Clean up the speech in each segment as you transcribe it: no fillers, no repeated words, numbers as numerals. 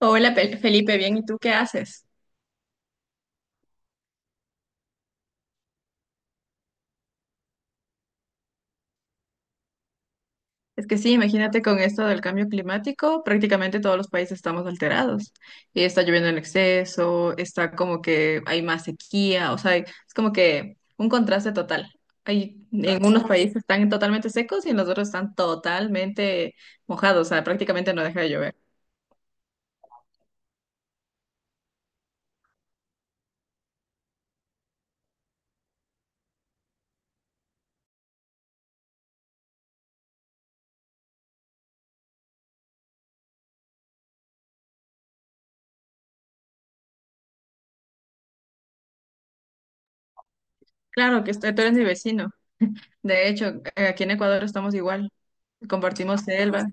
Hola Felipe, bien, ¿y tú qué haces? Es que sí, imagínate con esto del cambio climático, prácticamente todos los países estamos alterados. Y está lloviendo en exceso, está como que hay más sequía, o sea, es como que un contraste total. Hay, en unos países están totalmente secos y en los otros están totalmente mojados, o sea, prácticamente no deja de llover. Tú eres mi vecino. De hecho, aquí en Ecuador estamos igual, compartimos selva.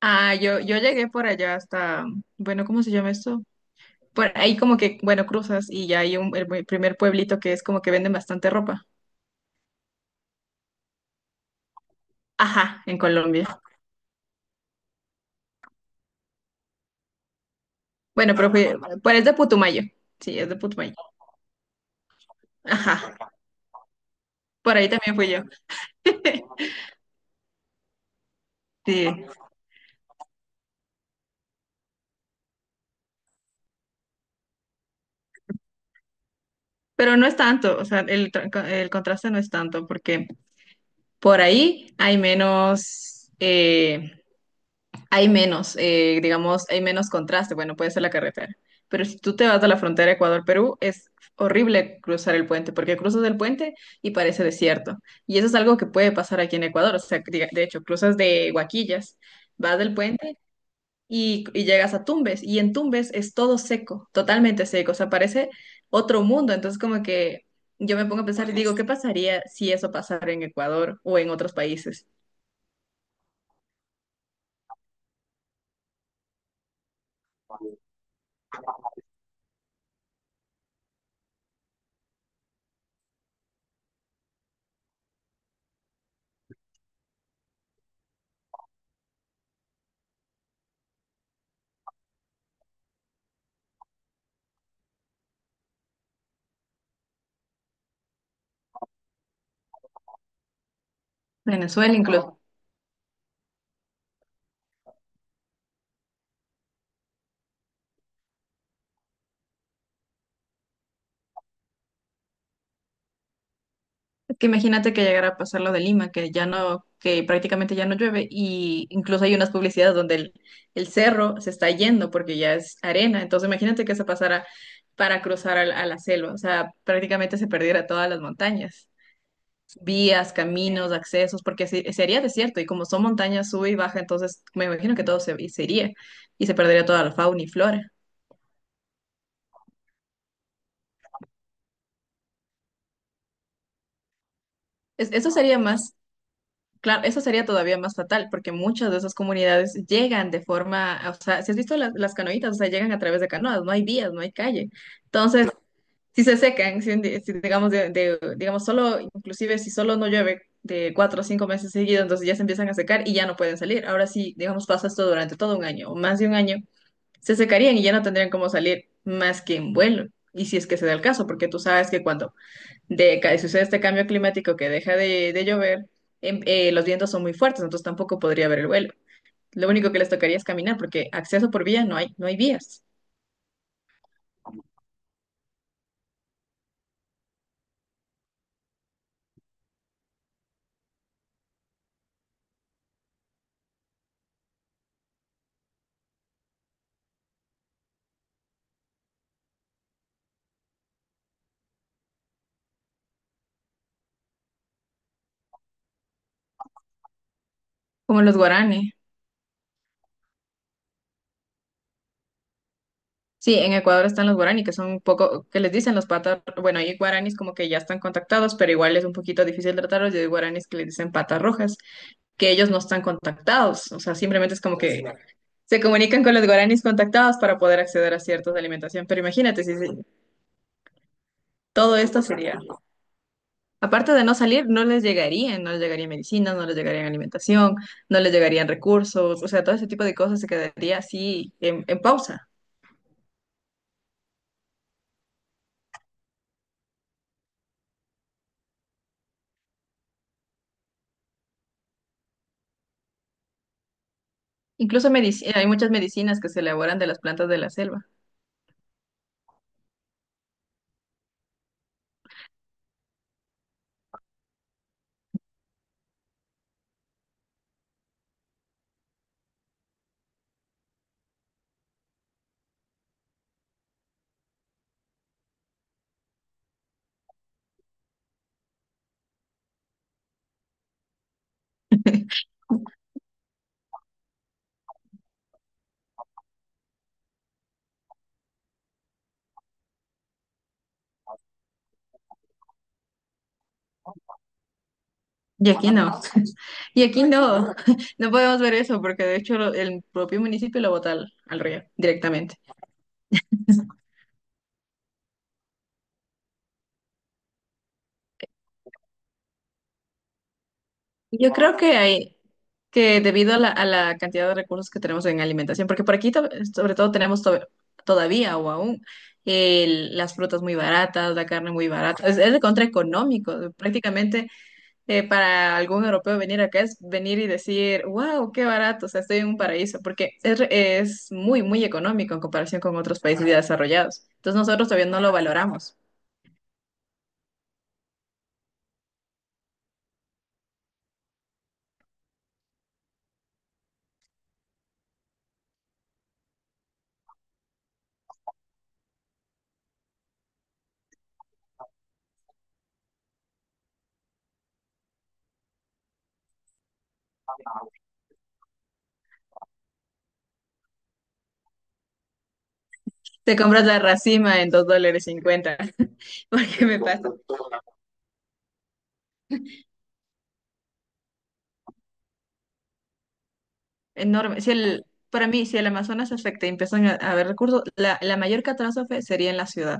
Ah, yo llegué por allá hasta, bueno, ¿cómo se llama esto? Por ahí como que, bueno, cruzas y ya hay primer pueblito que es como que venden bastante ropa. Ajá, en Colombia. Bueno, pero fui, pero es de Putumayo. Sí, es de Putumayo. Ajá, por ahí también fui yo. Sí, pero no es tanto, o sea, el contraste no es tanto porque por ahí hay menos, digamos, hay menos contraste, bueno, puede ser la carretera, pero si tú te vas a la frontera Ecuador-Perú, es horrible cruzar el puente, porque cruzas el puente y parece desierto, y eso es algo que puede pasar aquí en Ecuador, o sea, de hecho, cruzas de Huaquillas, vas del puente y llegas a Tumbes, y en Tumbes es todo seco, totalmente seco, o sea, parece otro mundo, entonces como que yo me pongo a pensar y digo, ¿qué pasaría si eso pasara en Ecuador o en otros países? Venezuela incluso. Que imagínate que llegara a pasar lo de Lima, que ya no, que prácticamente ya no llueve, y incluso hay unas publicidades donde el cerro se está yendo porque ya es arena. Entonces imagínate que se pasara para la selva. O sea, prácticamente se perdiera todas las montañas, vías, caminos, accesos, porque sería desierto, y como son montañas sube y baja, entonces me imagino que todo se iría y se perdería toda la fauna y flora. Es- eso sería más Claro, eso sería todavía más fatal, porque muchas de esas comunidades llegan de forma, o sea, si has visto las canoitas, o sea, llegan a través de canoas, no hay vías, no hay calle. Entonces, si se secan, si, un di- si digamos, de- digamos, solo, inclusive si solo no llueve de 4 o 5 meses seguidos, entonces ya se empiezan a secar y ya no pueden salir. Ahora sí, digamos, pasa esto durante todo 1 año o más de 1 año, se secarían y ya no tendrían cómo salir más que en vuelo. Y si es que se da el caso, porque tú sabes que cuando sucede este cambio climático que deja de llover, los vientos son muy fuertes, entonces tampoco podría haber el vuelo. Lo único que les tocaría es caminar, porque acceso por vía no hay, no hay vías, como los guaraní. Sí, en Ecuador están los guaraní, que son un poco, que les dicen los patas, bueno, hay guaraníes como que ya están contactados, pero igual es un poquito difícil tratarlos, y hay guaraníes que les dicen patas rojas, que ellos no están contactados, o sea, simplemente es como que se comunican con los guaraníes contactados para poder acceder a ciertas alimentación, pero imagínate si todo esto sería. Aparte de no salir, no les llegarían, no les llegaría medicinas, no les llegarían alimentación, no les llegarían recursos, o sea, todo ese tipo de cosas se quedaría así en pausa. Incluso hay muchas medicinas que se elaboran de las plantas de la selva. Y aquí no, y aquí no, no podemos ver eso porque de hecho el propio municipio lo bota al río directamente. Yo creo que hay, que debido a a la cantidad de recursos que tenemos en alimentación, porque por aquí sobre todo tenemos todavía o aún las frutas muy baratas, la carne muy barata, es de contraeconómico, prácticamente para algún europeo venir acá es venir y decir, wow, qué barato, o sea, estoy en un paraíso, porque es muy económico en comparación con otros países ya desarrollados. Entonces nosotros todavía no lo valoramos. Te compras la racima en $2,50, porque me pasa. Enorme. Para mí, si el Amazonas se afecta y empiezan a haber recursos, la mayor catástrofe sería en la ciudad,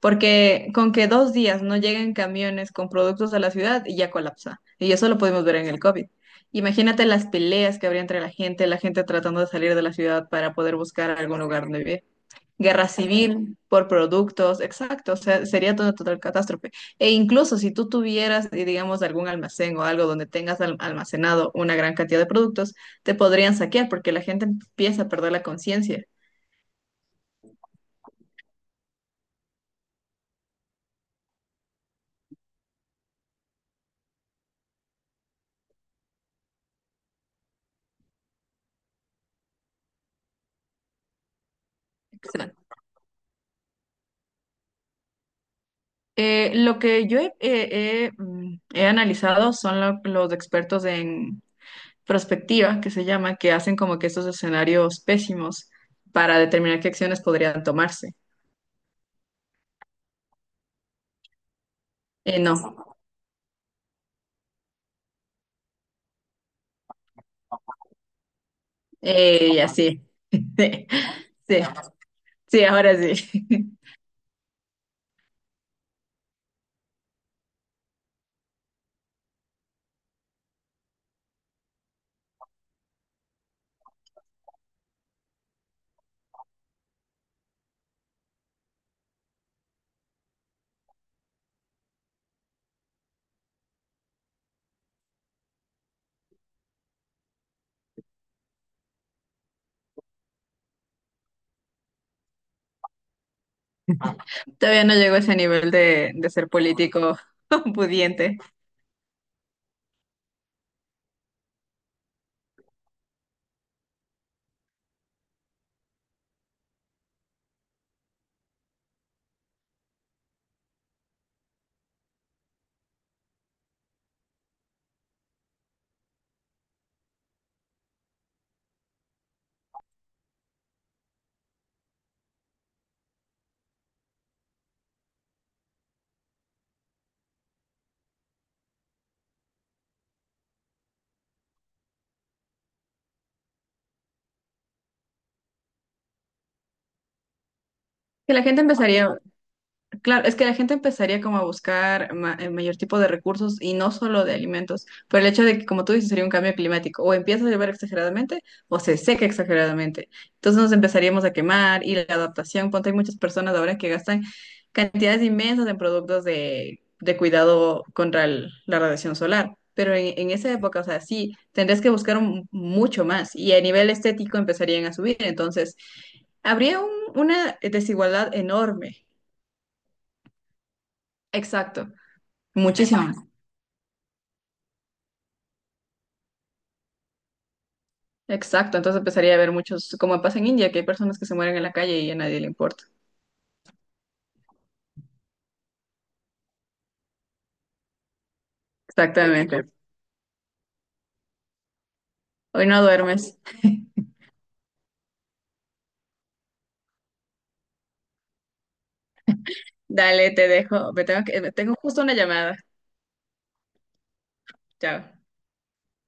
porque con que 2 días no lleguen camiones con productos a la ciudad, ya colapsa. Y eso lo podemos ver en el COVID. Imagínate las peleas que habría entre la gente tratando de salir de la ciudad para poder buscar algún lugar donde vivir guerra civil por productos, exacto, o sea, sería toda total catástrofe. E incluso si tú tuvieras, digamos, algún almacén o algo donde tengas almacenado una gran cantidad de productos, te podrían saquear porque la gente empieza a perder la conciencia. Exacto. Lo que yo he analizado son los expertos en prospectiva, que se llama, que hacen como que estos escenarios pésimos para determinar qué acciones podrían tomarse. No, y así. Sí. Sí, ahora sí. Todavía no llego a ese nivel de ser político pudiente. Que la gente empezaría, claro, es que la gente empezaría como a buscar el mayor tipo de recursos y no solo de alimentos, pero el hecho de que, como tú dices, sería un cambio climático, o empieza a llover exageradamente o se seca exageradamente. Entonces nos empezaríamos a quemar y la adaptación, ponte, hay muchas personas ahora que gastan cantidades inmensas en productos de cuidado contra la radiación solar, pero en esa época, o sea, sí, tendrías que buscar mucho más y a nivel estético empezarían a subir, entonces habría un- una desigualdad enorme. Exacto. Muchísimo. Exacto, entonces empezaría a haber muchos, como pasa en India, que hay personas que se mueren en la calle y a nadie le importa. Exactamente. Hoy no duermes. Dale, te dejo. Me tengo justo una llamada. Chao.